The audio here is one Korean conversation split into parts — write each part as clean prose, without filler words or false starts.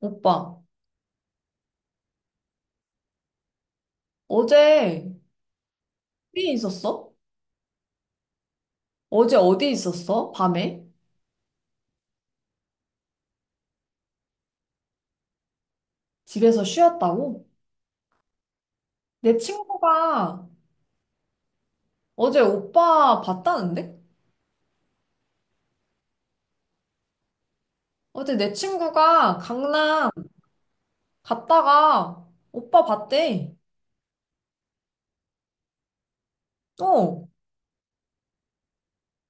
오빠, 어제 어디 있었어? 어제 어디 있었어? 밤에? 집에서 쉬었다고? 내 친구가 어제 오빠 봤다는데? 어제 내 친구가 강남 갔다가 오빠 봤대. 어,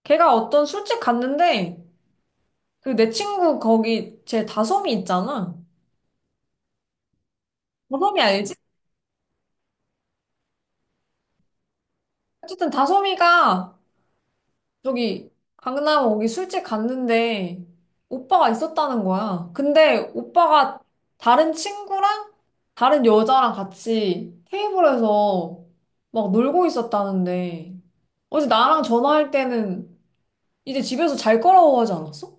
걔가 어떤 술집 갔는데 그 내 친구 거기 제 다솜이 있잖아. 다솜이 알지? 어쨌든 다솜이가 저기 강남 거기 술집 갔는데 오빠가 있었다는 거야. 근데 오빠가 다른 친구랑 다른 여자랑 같이 테이블에서 막 놀고 있었다는데 어제 나랑 전화할 때는 이제 집에서 잘 거라고 하지 않았어?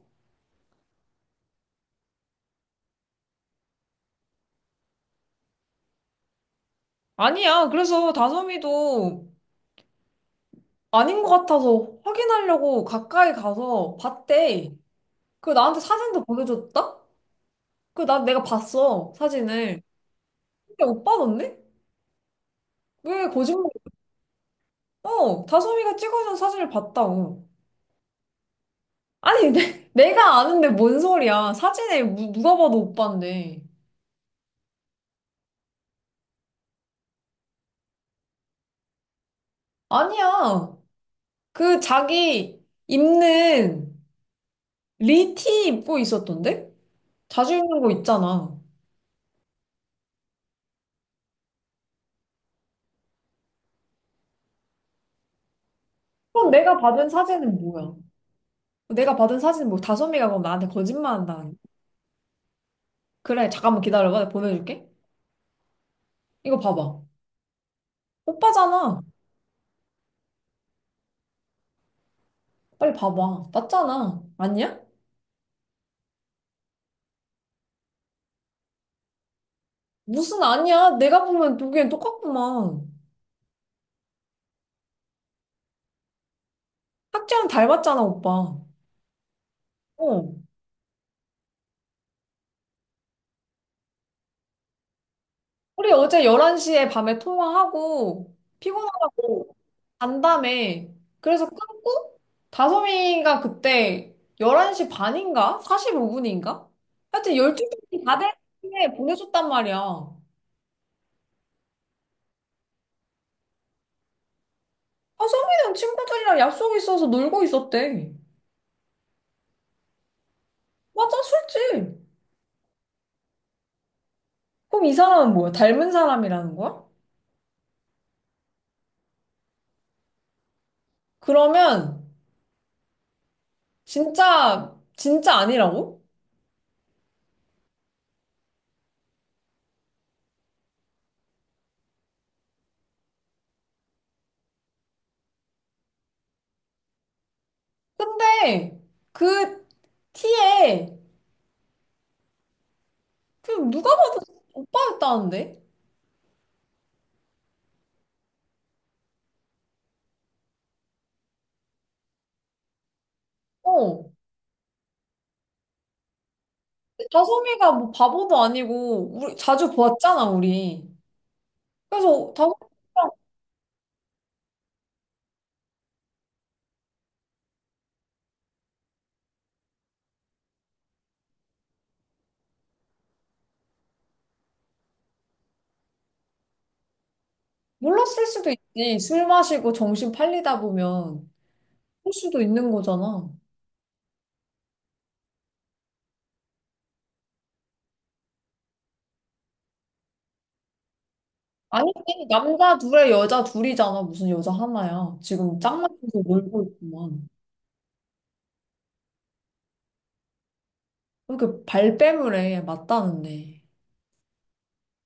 아니야. 그래서 다솜이도 아닌 것 같아서 확인하려고 가까이 가서 봤대. 그 나한테 사진도 보내줬다? 그 나 내가 봤어 사진을. 근데 오빠던데? 왜 거짓말? 어, 다솜이가 찍어준 사진을 봤다고. 아니, 내가 아는데 뭔 소리야. 사진에 누가 봐도 오빠인데. 아니야. 그 자기 입는 리티 입고 있었던데? 자주 입는 거 있잖아. 그럼 내가 받은 사진은 뭐야? 내가 받은 사진은 뭐 다솜이가 그럼 나한테 거짓말 한다는. 그래, 잠깐만 기다려봐. 내가 보내줄게. 이거 봐봐. 오빠잖아. 빨리 봐봐. 맞잖아. 아니야? 무슨 아니야? 내가 보면 보기엔 똑같구만. 학지랑 닮았잖아, 오빠. 어. 우리 어제 11시에 밤에 통화하고 피곤하다고 간다며. 그래서 끊고 다솜이가 그때 11시 반인가? 45분인가? 하여튼 12시 다될 때 보내줬단 말이야. 아, 소민는 친구들이랑 약속이 있어서 놀고 있었대. 맞아, 술집. 그럼 이 사람은 뭐야? 닮은 사람이라는 거야? 그러면 진짜 진짜 아니라고? 근데 그 티에 그 누가 봐도 오빠였다는데? 어. 다솜이가 뭐 바보도 아니고 우리 자주 보았잖아 우리. 그래서 다솜이가 몰랐을 수도 있지. 술 마시고 정신 팔리다 보면 할 수도 있는 거잖아. 아니지, 남자 둘에 여자 둘이잖아. 무슨 여자 하나야. 지금 짝맞춰서 놀고 있구만. 왜 이렇게 발뺌을 해, 맞다는데.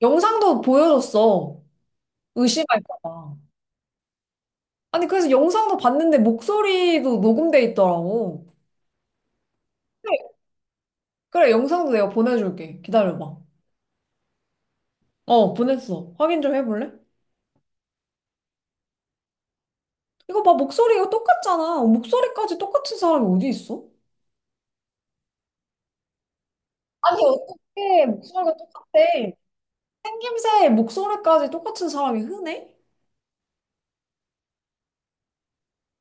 영상도 보여줬어. 의심할까 봐. 아니, 그래서 영상도 봤는데 목소리도 녹음돼 있더라고. 그래, 그래, 영상도 내가 보내줄게. 기다려봐. 어, 보냈어. 확인 좀 해볼래? 이거 봐, 목소리가 똑같잖아. 목소리까지 똑같은 사람이 어디 있어? 아니, 어떻게 목소리가 똑같대? 생김새, 목소리까지 똑같은 사람이 흔해?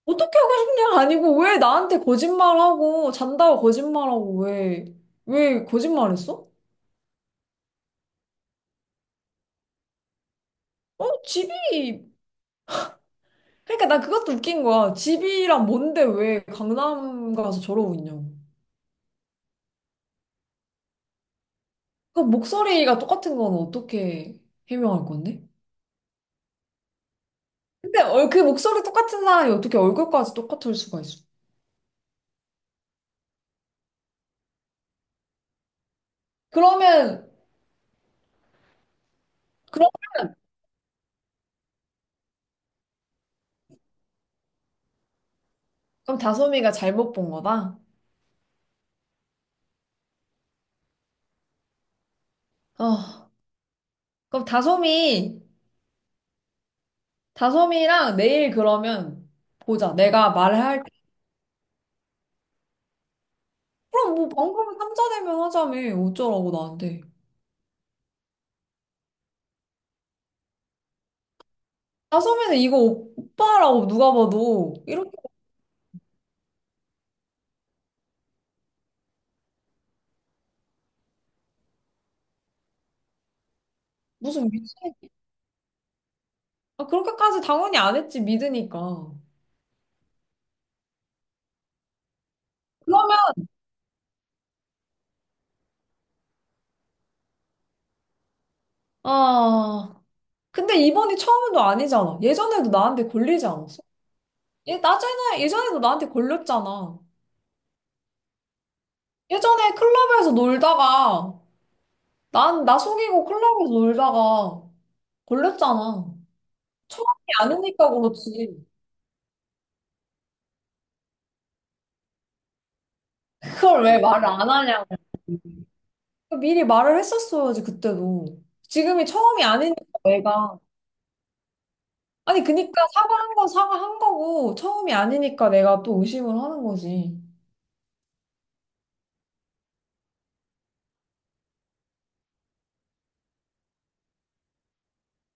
어떻게 하고 싶냐? 아니고, 왜 나한테 거짓말하고, 잔다고 거짓말하고, 왜, 왜 거짓말했어? 어, 집이 그러니까 나 그것도 웃긴 거야. 집이랑 뭔데 왜 강남 가서 저러고 있냐고. 그 목소리가 똑같은 건 어떻게 해명할 건데? 근데 그 목소리 똑같은 사람이 어떻게 얼굴까지 똑같을 수가 있어? 그러면 그럼 그럼 다솜이가 잘못 본 거다. 어, 그럼 다솜이랑 내일 그러면 보자. 내가 말을 할 때. 그럼 뭐 방금 삼자대면 하자며. 어쩌라고 나한테. 다솜이는 이거 오빠라고 누가 봐도 이렇게, 무슨 미친. 아, 그렇게까지 당연히 안 했지, 믿으니까. 그러면, 아, 근데 이번이 처음도 아니잖아. 예전에도 나한테 걸리지 않았어? 예 나전에 예전에도 나한테 걸렸잖아. 예전에 클럽에서 놀다가, 나 속이고 클럽에서 놀다가 걸렸잖아. 처음이 아니니까 그렇지. 그걸 왜 말을 안 하냐고. 미리 말을 했었어야지, 그때도. 지금이 처음이 아니니까 내가. 아니, 그니까 사과한 건 사과한 거고, 처음이 아니니까 내가 또 의심을 하는 거지.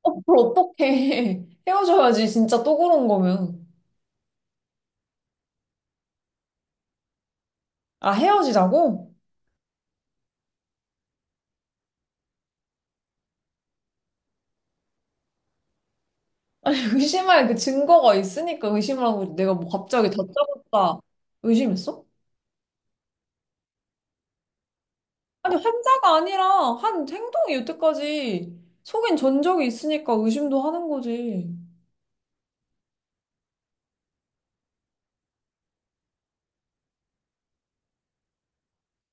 어, 그걸 어떡해. 헤어져야지, 진짜 또 그런 거면. 아, 헤어지자고? 의심할 그 증거가 있으니까 의심을 하고 내가 뭐 갑자기 다 짜봤다. 의심했어? 아니, 환자가 아니라 한 행동이 여태까지 속인 전적이 있으니까 의심도 하는 거지.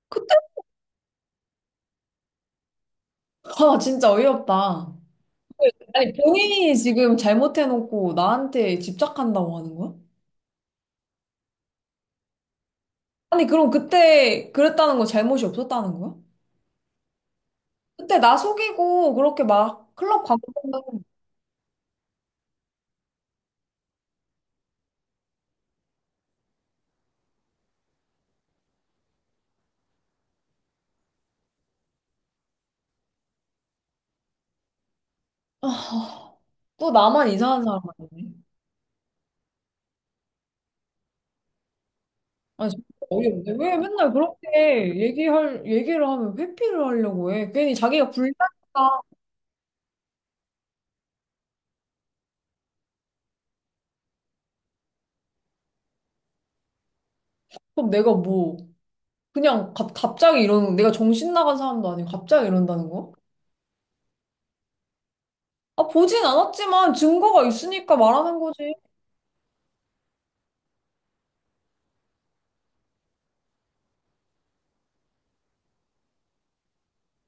그때, 아, 진짜 어이없다. 아니, 본인이 지금 잘못해놓고 나한테 집착한다고 하는 거야? 아니, 그럼 그때 그랬다는 거 잘못이 없었다는 거야? 그때 나 속이고 그렇게 막 클럽 광고. 또 나만 이상한 사람 아니네. 아, 진짜 어이없네. 왜 맨날 그렇게 얘기를 하면 회피를 하려고 해. 괜히 자기가 불리하니까. 그럼 내가 뭐, 그냥 갑자기 이러는, 내가 정신 나간 사람도 아니고 갑자기 이런다는 거야? 아, 보진 않았지만 증거가 있으니까 말하는 거지.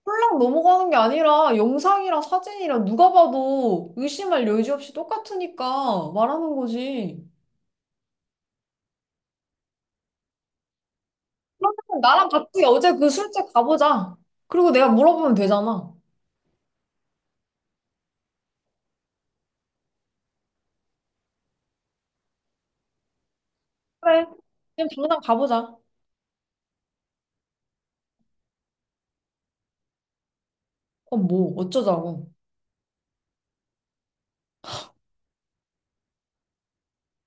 홀랑 넘어가는 게 아니라 영상이랑 사진이랑 누가 봐도 의심할 여지 없이 똑같으니까 말하는 거지. 그러면 나랑 같이 어제 그 술집 가보자. 그리고 내가 물어보면 되잖아. 그래. 그냥 당장 가보자. 그럼 뭐, 어쩌자고.